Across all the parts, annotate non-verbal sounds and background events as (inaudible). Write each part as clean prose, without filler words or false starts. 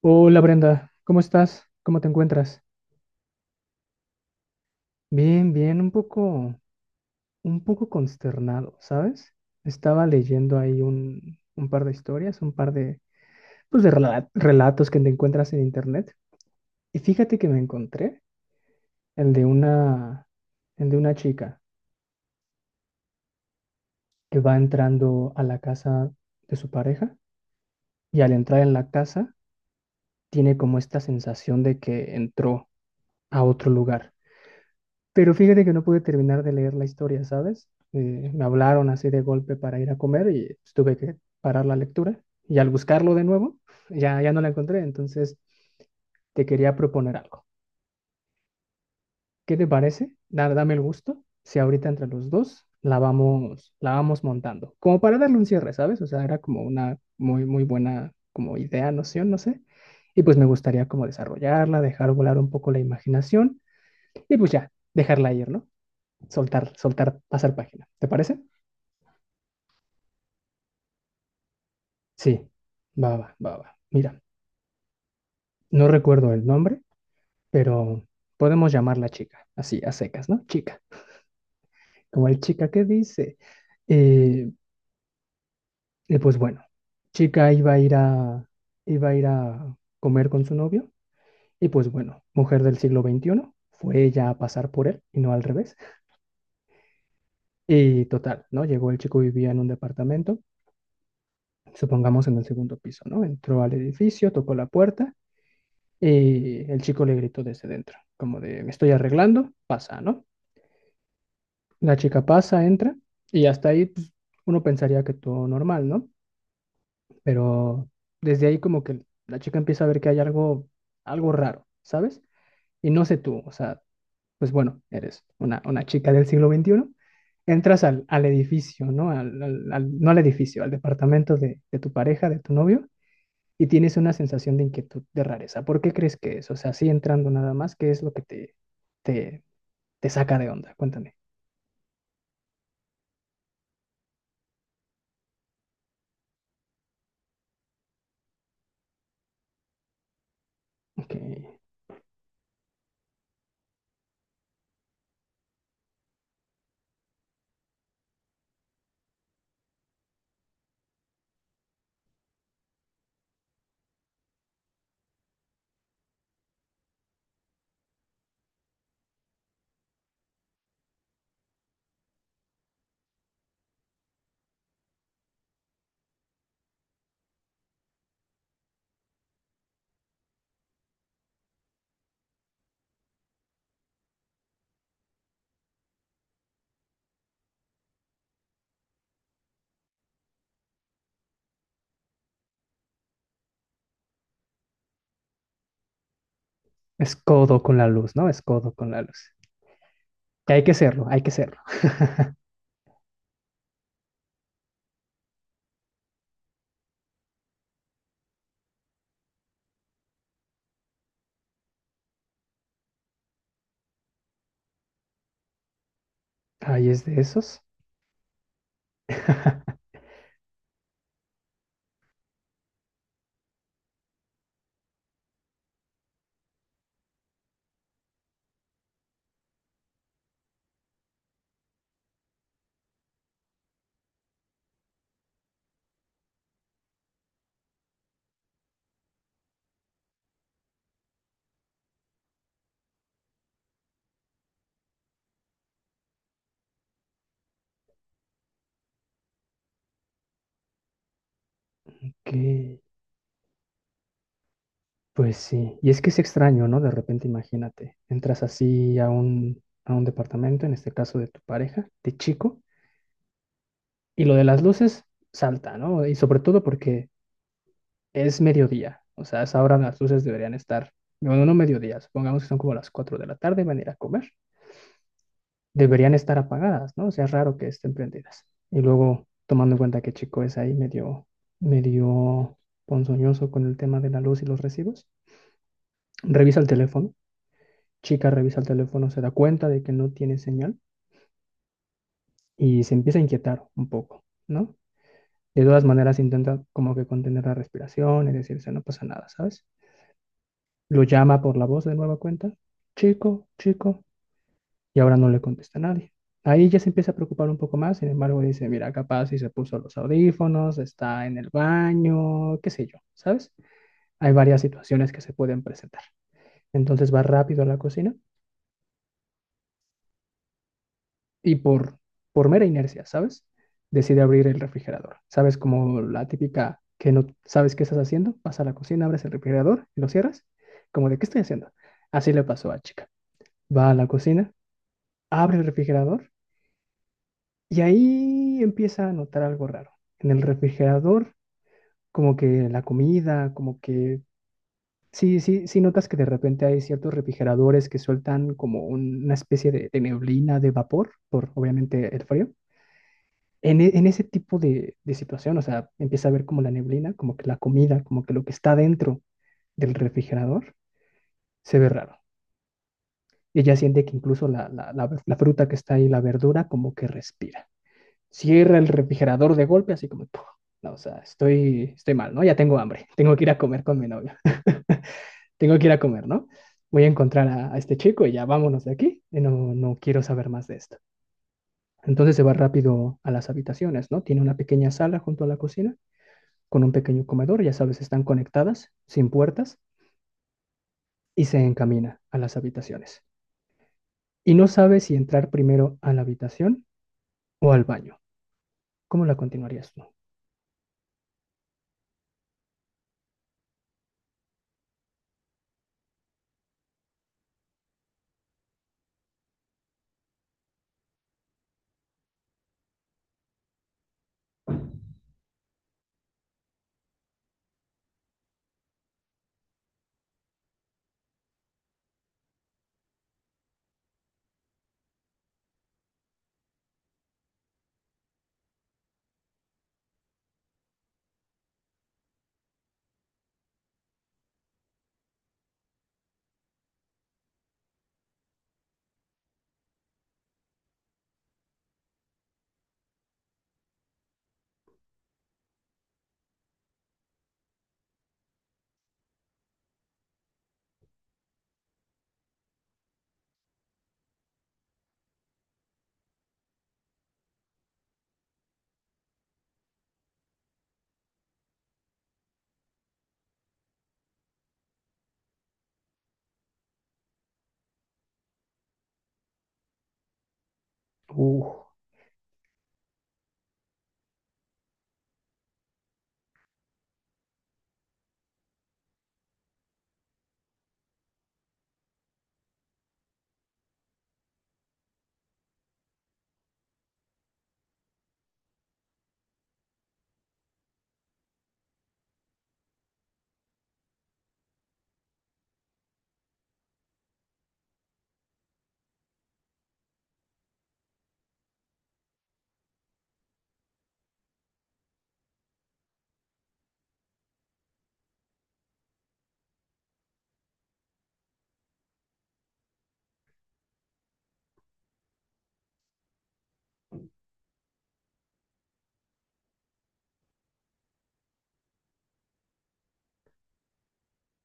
Hola Brenda, ¿cómo estás? ¿Cómo te encuentras? Bien, bien, un poco consternado, ¿sabes? Estaba leyendo ahí un par de historias, un par de relatos que te encuentras en internet. Y fíjate que me encontré el de una, el de una chica que va entrando a la casa de su pareja y al entrar en la casa tiene como esta sensación de que entró a otro lugar. Pero fíjate que no pude terminar de leer la historia, ¿sabes? Me hablaron así de golpe para ir a comer y pues, tuve que parar la lectura. Y al buscarlo de nuevo, ya no la encontré. Entonces te quería proponer algo. ¿Qué te parece? Dame el gusto. Si ahorita entre los dos la vamos montando. Como para darle un cierre, ¿sabes? O sea, era como una muy, muy buena como idea, noción, no sé. Y pues me gustaría como desarrollarla, dejar volar un poco la imaginación y pues ya, dejarla ir, ¿no? Soltar, soltar, pasar página. ¿Te parece? Sí, va, va, va, va. Mira, no recuerdo el nombre, pero podemos llamarla chica, así, a secas, ¿no? Chica. Como el chica que dice. Eh, y pues bueno, chica iba a ir a comer con su novio. Y pues bueno, mujer del siglo XXI, fue ella a pasar por él y no al revés. Y total, ¿no? Llegó el chico, vivía en un departamento, supongamos en el segundo piso, ¿no? Entró al edificio, tocó la puerta. Y el chico le gritó desde dentro, como de, me estoy arreglando, pasa, ¿no? La chica pasa, entra, y hasta ahí pues, uno pensaría que todo normal, ¿no? Pero desde ahí como que la chica empieza a ver que hay algo, algo raro, ¿sabes? Y no sé tú, o sea, pues bueno, eres una chica del siglo XXI, entras al no al edificio, al departamento de tu pareja, de tu novio, y tienes una sensación de inquietud, de rareza. ¿Por qué crees que es? O sea, así entrando nada más, ¿qué es lo que te, te saca de onda? Cuéntame. Ok. Es codo con la luz, ¿no? Es codo con la luz. Que hay que serlo, hay que serlo. (laughs) Ay, es de esos. (laughs) Que, pues sí. Y es que es extraño, ¿no? De repente, imagínate, entras así a a un departamento, en este caso de tu pareja, de chico, y lo de las luces salta, ¿no? Y sobre todo porque es mediodía, o sea, a esa hora las luces deberían estar, bueno, no mediodía, supongamos que son como las 4 de la tarde, van a ir a comer, deberían estar apagadas, ¿no? O sea, es raro que estén prendidas. Y luego, tomando en cuenta que Chico es ahí medio, medio ponzoñoso con el tema de la luz y los recibos, revisa el teléfono, Chica revisa el teléfono, se da cuenta de que no tiene señal y se empieza a inquietar un poco, ¿no? De todas maneras intenta como que contener la respiración y decirse, no pasa nada, ¿sabes? Lo llama por la voz de nueva cuenta, chico, chico, y ahora no le contesta a nadie. Ahí ya se empieza a preocupar un poco más, sin embargo dice, mira, capaz si se puso los audífonos, está en el baño, qué sé yo, ¿sabes? Hay varias situaciones que se pueden presentar. Entonces va rápido a la cocina y por mera inercia, ¿sabes? Decide abrir el refrigerador. ¿Sabes como la típica que no sabes qué estás haciendo? Vas a la cocina, abres el refrigerador y lo cierras. Como de, ¿qué estoy haciendo? Así le pasó a Chica. Va a la cocina, abre el refrigerador y ahí empieza a notar algo raro. En el refrigerador, como que la comida, como que... Sí, sí, sí notas que de repente hay ciertos refrigeradores que sueltan como una especie de neblina, de vapor, por obviamente el frío. En ese tipo de situación, o sea, empieza a ver como la neblina, como que la comida, como que lo que está dentro del refrigerador se ve raro. Y ella siente que incluso la fruta que está ahí, la verdura, como que respira. Cierra el refrigerador de golpe, así como, "Puf, no, o sea, estoy mal, ¿no? Ya tengo hambre, (laughs) tengo que ir a comer con mi novia, (laughs) tengo que ir a comer, ¿no? Voy a encontrar a este chico y ya vámonos de aquí, y no, no quiero saber más de esto. Entonces se va rápido a las habitaciones, ¿no? Tiene una pequeña sala junto a la cocina, con un pequeño comedor, ya sabes, están conectadas, sin puertas, y se encamina a las habitaciones. Y no sabe si entrar primero a la habitación o al baño. ¿Cómo la continuarías tú? Uf,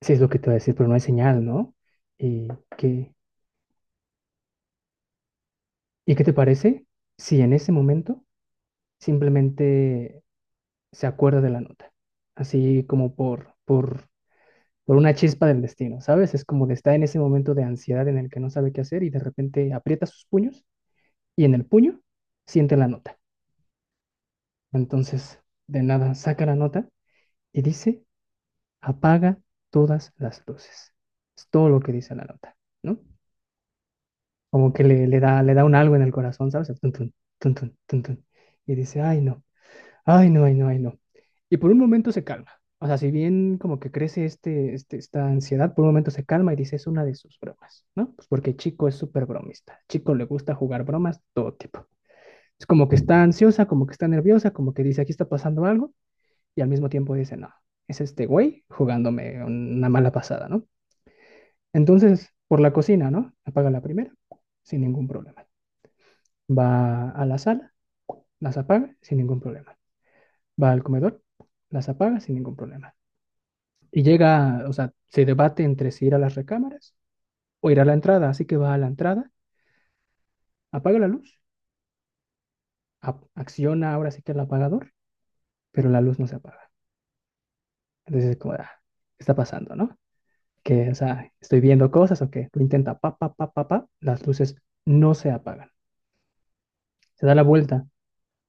sí, es lo que te voy a decir, pero no hay señal, ¿no? ¿Y qué, qué te parece si en ese momento simplemente se acuerda de la nota? Así como por una chispa del destino, ¿sabes? Es como que está en ese momento de ansiedad en el que no sabe qué hacer y de repente aprieta sus puños y en el puño siente la nota. Entonces, de nada, saca la nota y dice, apaga todas las luces. Es todo lo que dice la nota, ¿no? Como que le da un algo en el corazón, ¿sabes? Tun, tun, tun, tun, tun, tun. Y dice, ay no, ay no, ay no, ay no. Y por un momento se calma. O sea, si bien como que crece esta ansiedad, por un momento se calma y dice, es una de sus bromas, ¿no? Pues porque Chico es súper bromista. Chico le gusta jugar bromas todo tipo. Es como que está ansiosa, como que está nerviosa, como que dice, aquí está pasando algo, y al mismo tiempo dice, no, es este güey jugándome una mala pasada, ¿no? Entonces, por la cocina, ¿no? Apaga la primera, sin ningún problema. Va a la sala, las apaga sin ningún problema. Va al comedor, las apaga sin ningún problema. Y llega, o sea, se debate entre si ir a las recámaras o ir a la entrada. Así que va a la entrada, apaga la luz, acciona ahora sí que el apagador, pero la luz no se apaga. Entonces es como, ah, ¿qué está pasando, no? Que, o sea, estoy viendo cosas o qué. Lo intenta, pa, pa, pa, pa, pa, las luces no se apagan. Se da la vuelta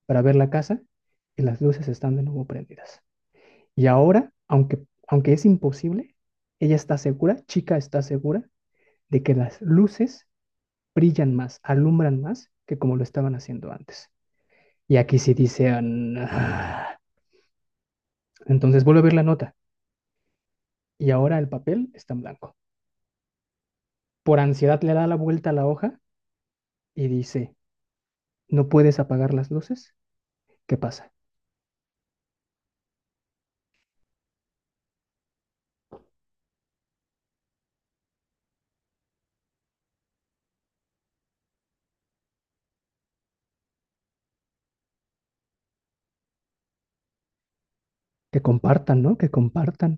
para ver la casa y las luces están de nuevo prendidas. Y ahora, aunque es imposible, ella está segura, chica está segura, de que las luces brillan más, alumbran más que como lo estaban haciendo antes. Y aquí sí dice, ah, nah. Entonces vuelve a ver la nota y ahora el papel está en blanco. Por ansiedad le da la vuelta a la hoja y dice, ¿no puedes apagar las luces? ¿Qué pasa? Que compartan, ¿no? Que compartan.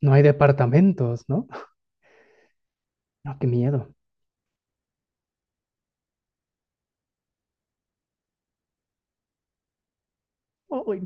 No hay departamentos, ¿no? No, qué miedo. Ay,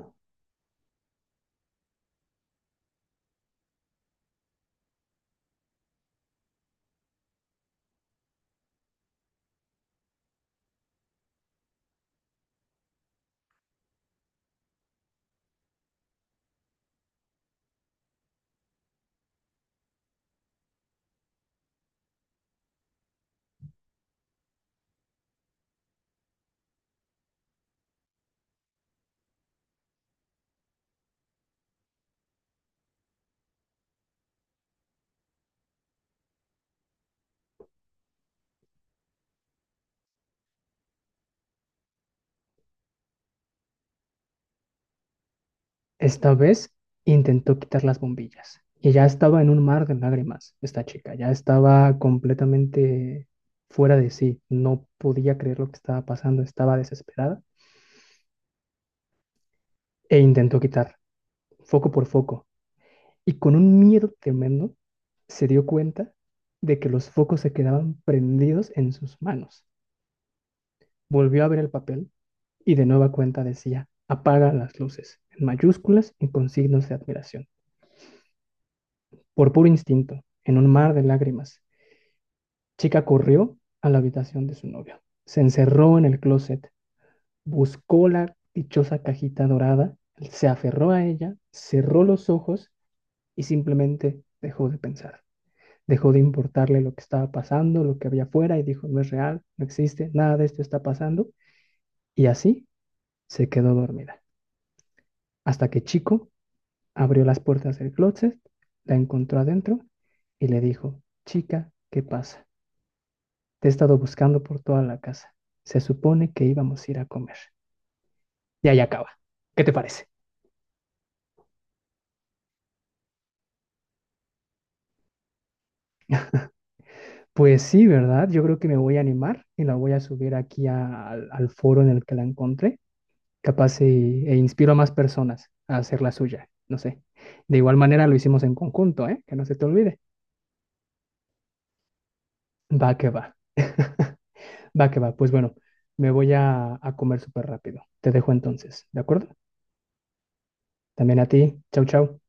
esta vez intentó quitar las bombillas y ya estaba en un mar de lágrimas esta chica, ya estaba completamente fuera de sí, no podía creer lo que estaba pasando, estaba desesperada e intentó quitar foco por foco y con un miedo tremendo se dio cuenta de que los focos se quedaban prendidos en sus manos. Volvió a ver el papel y de nueva cuenta decía, apaga las luces, en mayúsculas y con signos de admiración. Por puro instinto, en un mar de lágrimas, Chica corrió a la habitación de su novio, se encerró en el closet, buscó la dichosa cajita dorada, se aferró a ella, cerró los ojos y simplemente dejó de pensar. Dejó de importarle lo que estaba pasando, lo que había afuera y dijo, no es real, no existe, nada de esto está pasando. Y así se quedó dormida, hasta que Chico abrió las puertas del closet, la encontró adentro y le dijo, chica, ¿qué pasa? Te he estado buscando por toda la casa. Se supone que íbamos a ir a comer. Y ahí acaba. ¿Qué te parece? Pues sí, ¿verdad? Yo creo que me voy a animar y la voy a subir aquí al al foro en el que la encontré. Capaz inspiro a más personas a hacer la suya. No sé. De igual manera lo hicimos en conjunto, ¿eh? Que no se te olvide. Va que va. (laughs) Va que va. Pues bueno, me voy a comer súper rápido. Te dejo entonces, ¿de acuerdo? También a ti. Chau, chau.